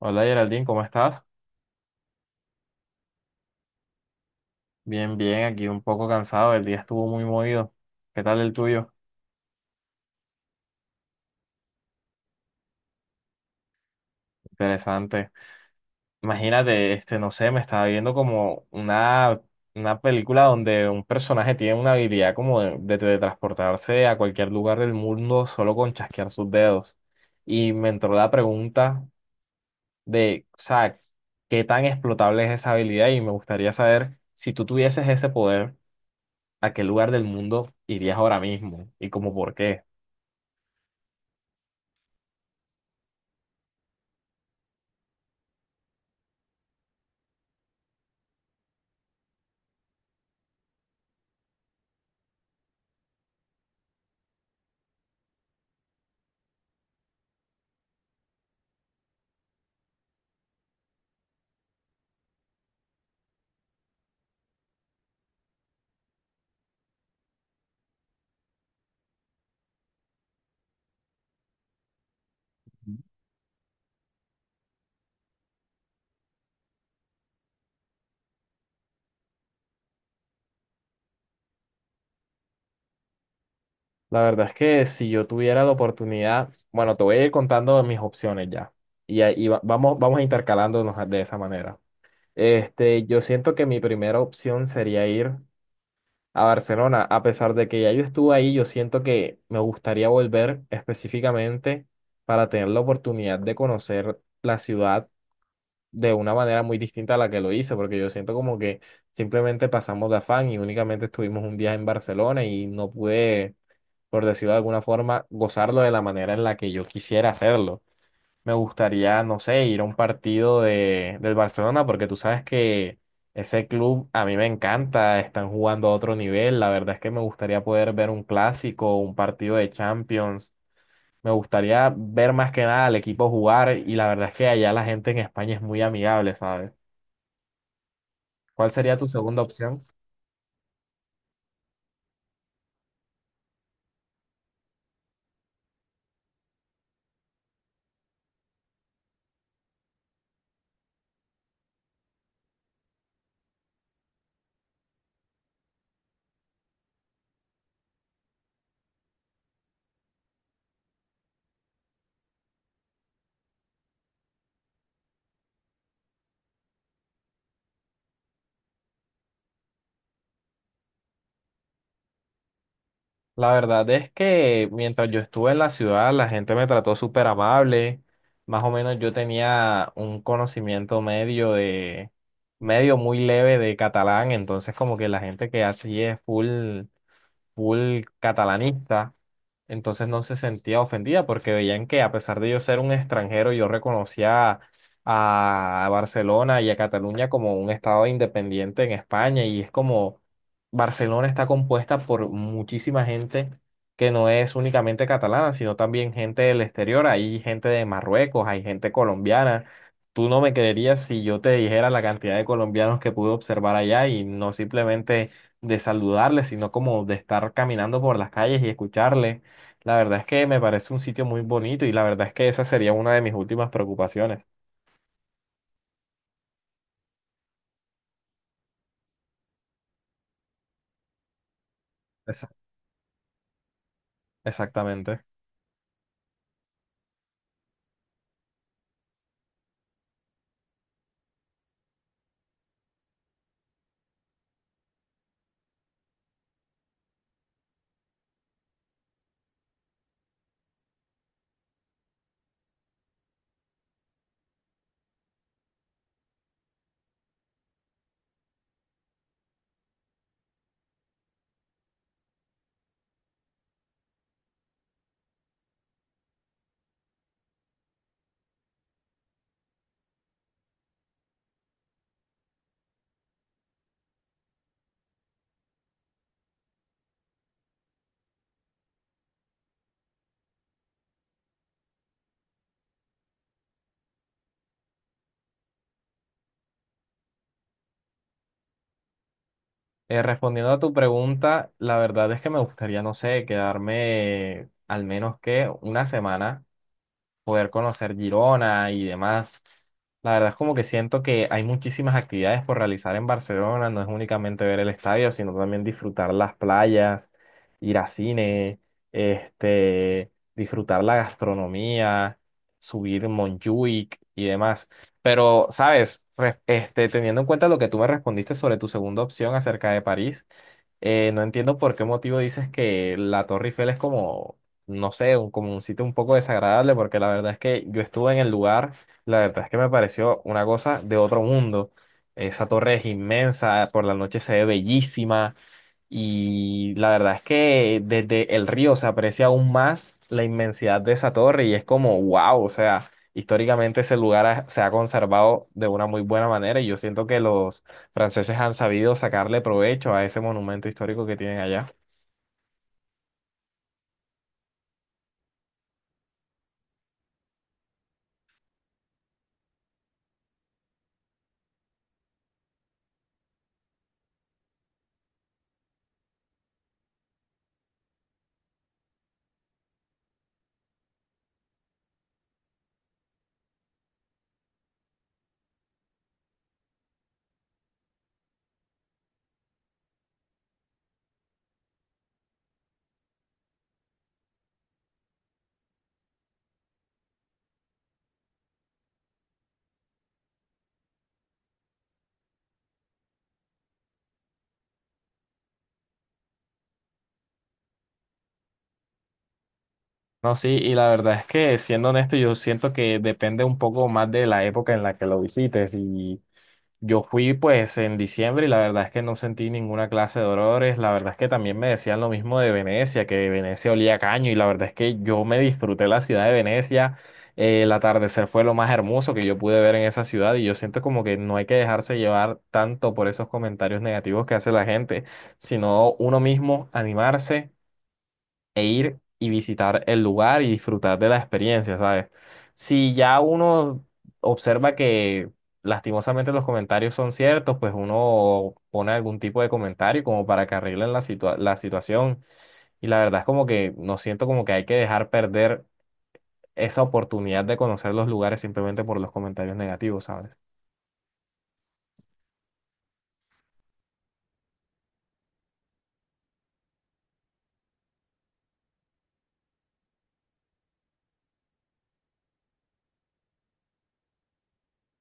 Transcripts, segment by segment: Hola Geraldine, ¿cómo estás? Bien, bien, aquí un poco cansado, el día estuvo muy movido. ¿Qué tal el tuyo? Interesante. Imagínate, este, no sé, me estaba viendo como una película donde un personaje tiene una habilidad como de teletransportarse a cualquier lugar del mundo solo con chasquear sus dedos. Y me entró la pregunta de, o sea, ¿qué tan explotable es esa habilidad? Y me gustaría saber, si tú tuvieses ese poder, ¿a qué lugar del mundo irías ahora mismo? ¿Y como por qué? La verdad es que si yo tuviera la oportunidad, bueno, te voy a ir contando mis opciones ya. Y ahí vamos, intercalándonos de esa manera. Este, yo siento que mi primera opción sería ir a Barcelona. A pesar de que ya yo estuve ahí, yo siento que me gustaría volver específicamente para tener la oportunidad de conocer la ciudad de una manera muy distinta a la que lo hice, porque yo siento como que simplemente pasamos de afán y únicamente estuvimos un día en Barcelona y no pude, por decirlo de alguna forma, gozarlo de la manera en la que yo quisiera hacerlo. Me gustaría, no sé, ir a un partido del Barcelona, porque tú sabes que ese club a mí me encanta, están jugando a otro nivel. La verdad es que me gustaría poder ver un clásico, un partido de Champions. Me gustaría ver más que nada al equipo jugar y la verdad es que allá la gente en España es muy amigable, ¿sabes? ¿Cuál sería tu segunda opción? La verdad es que mientras yo estuve en la ciudad, la gente me trató súper amable. Más o menos yo tenía un conocimiento medio de, medio muy leve de catalán, entonces como que la gente que hace es full full catalanista, entonces no se sentía ofendida porque veían que a pesar de yo ser un extranjero, yo reconocía a Barcelona y a Cataluña como un estado independiente en España y es como Barcelona está compuesta por muchísima gente que no es únicamente catalana, sino también gente del exterior, hay gente de Marruecos, hay gente colombiana. Tú no me creerías si yo te dijera la cantidad de colombianos que pude observar allá, y no simplemente de saludarle, sino como de estar caminando por las calles y escucharle. La verdad es que me parece un sitio muy bonito y la verdad es que esa sería una de mis últimas preocupaciones. Esa- Exactamente. Respondiendo a tu pregunta, la verdad es que me gustaría, no sé, quedarme al menos que una semana poder conocer Girona y demás. La verdad es como que siento que hay muchísimas actividades por realizar en Barcelona, no es únicamente ver el estadio, sino también disfrutar las playas, ir a cine, este, disfrutar la gastronomía, subir Montjuic y demás. Pero, ¿sabes? Este, teniendo en cuenta lo que tú me respondiste sobre tu segunda opción acerca de París, no entiendo por qué motivo dices que la Torre Eiffel es como, no sé, como un sitio un poco desagradable, porque la verdad es que yo estuve en el lugar, la verdad es que me pareció una cosa de otro mundo. Esa torre es inmensa, por la noche se ve bellísima, y la verdad es que desde el río se aprecia aún más la inmensidad de esa torre y es como, wow, o sea, históricamente ese lugar se ha conservado de una muy buena manera y yo siento que los franceses han sabido sacarle provecho a ese monumento histórico que tienen allá. No, sí, y la verdad es que siendo honesto, yo siento que depende un poco más de la época en la que lo visites. Y yo fui pues en diciembre y la verdad es que no sentí ninguna clase de dolores. La verdad es que también me decían lo mismo de Venecia, que Venecia olía a caño y la verdad es que yo me disfruté la ciudad de Venecia. El atardecer fue lo más hermoso que yo pude ver en esa ciudad y yo siento como que no hay que dejarse llevar tanto por esos comentarios negativos que hace la gente, sino uno mismo animarse e ir y visitar el lugar y disfrutar de la experiencia, ¿sabes? Si ya uno observa que lastimosamente los comentarios son ciertos, pues uno pone algún tipo de comentario como para que arreglen la la situación. Y la verdad es como que no siento como que hay que dejar perder esa oportunidad de conocer los lugares simplemente por los comentarios negativos, ¿sabes?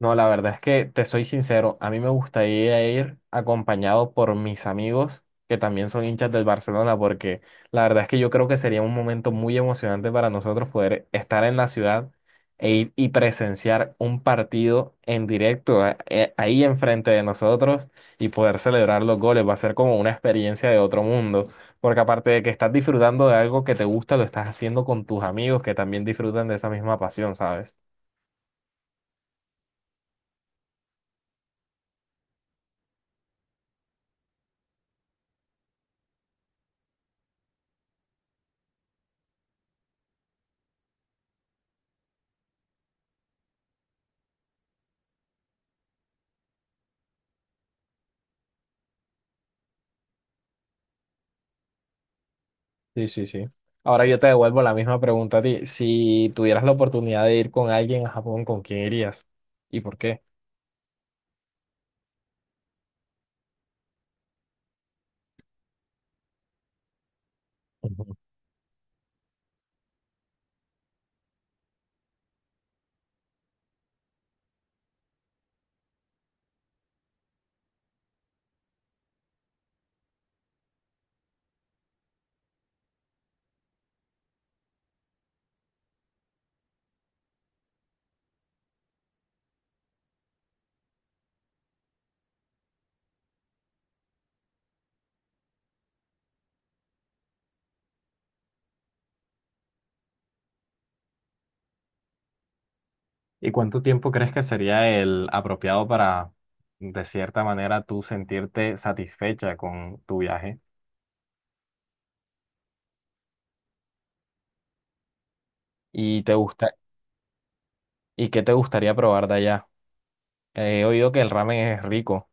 No, la verdad es que te soy sincero, a mí me gustaría ir acompañado por mis amigos que también son hinchas del Barcelona, porque la verdad es que yo creo que sería un momento muy emocionante para nosotros poder estar en la ciudad e ir y presenciar un partido en directo ahí enfrente de nosotros y poder celebrar los goles. Va a ser como una experiencia de otro mundo, porque aparte de que estás disfrutando de algo que te gusta, lo estás haciendo con tus amigos que también disfrutan de esa misma pasión, ¿sabes? Sí, sí, sí. Ahora yo te devuelvo la misma pregunta a ti. Si tuvieras la oportunidad de ir con alguien a Japón, ¿con quién irías? ¿Y por qué? Ujú. ¿Y cuánto tiempo crees que sería el apropiado para, de cierta manera, tú sentirte satisfecha con tu viaje? ¿Y te gusta, y qué te gustaría probar de allá? He oído que el ramen es rico.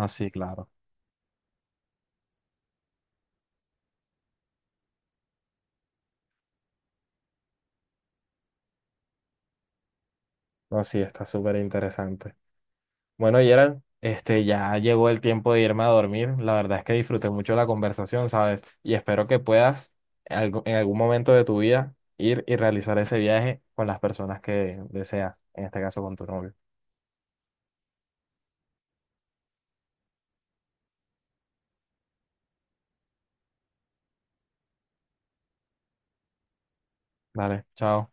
No, sí, claro. No, sí, está súper interesante. Bueno, Yera, este, ya llegó el tiempo de irme a dormir. La verdad es que disfruté mucho la conversación, ¿sabes? Y espero que puedas en algún momento de tu vida ir y realizar ese viaje con las personas que deseas, en este caso con tu novio. Vale, chao.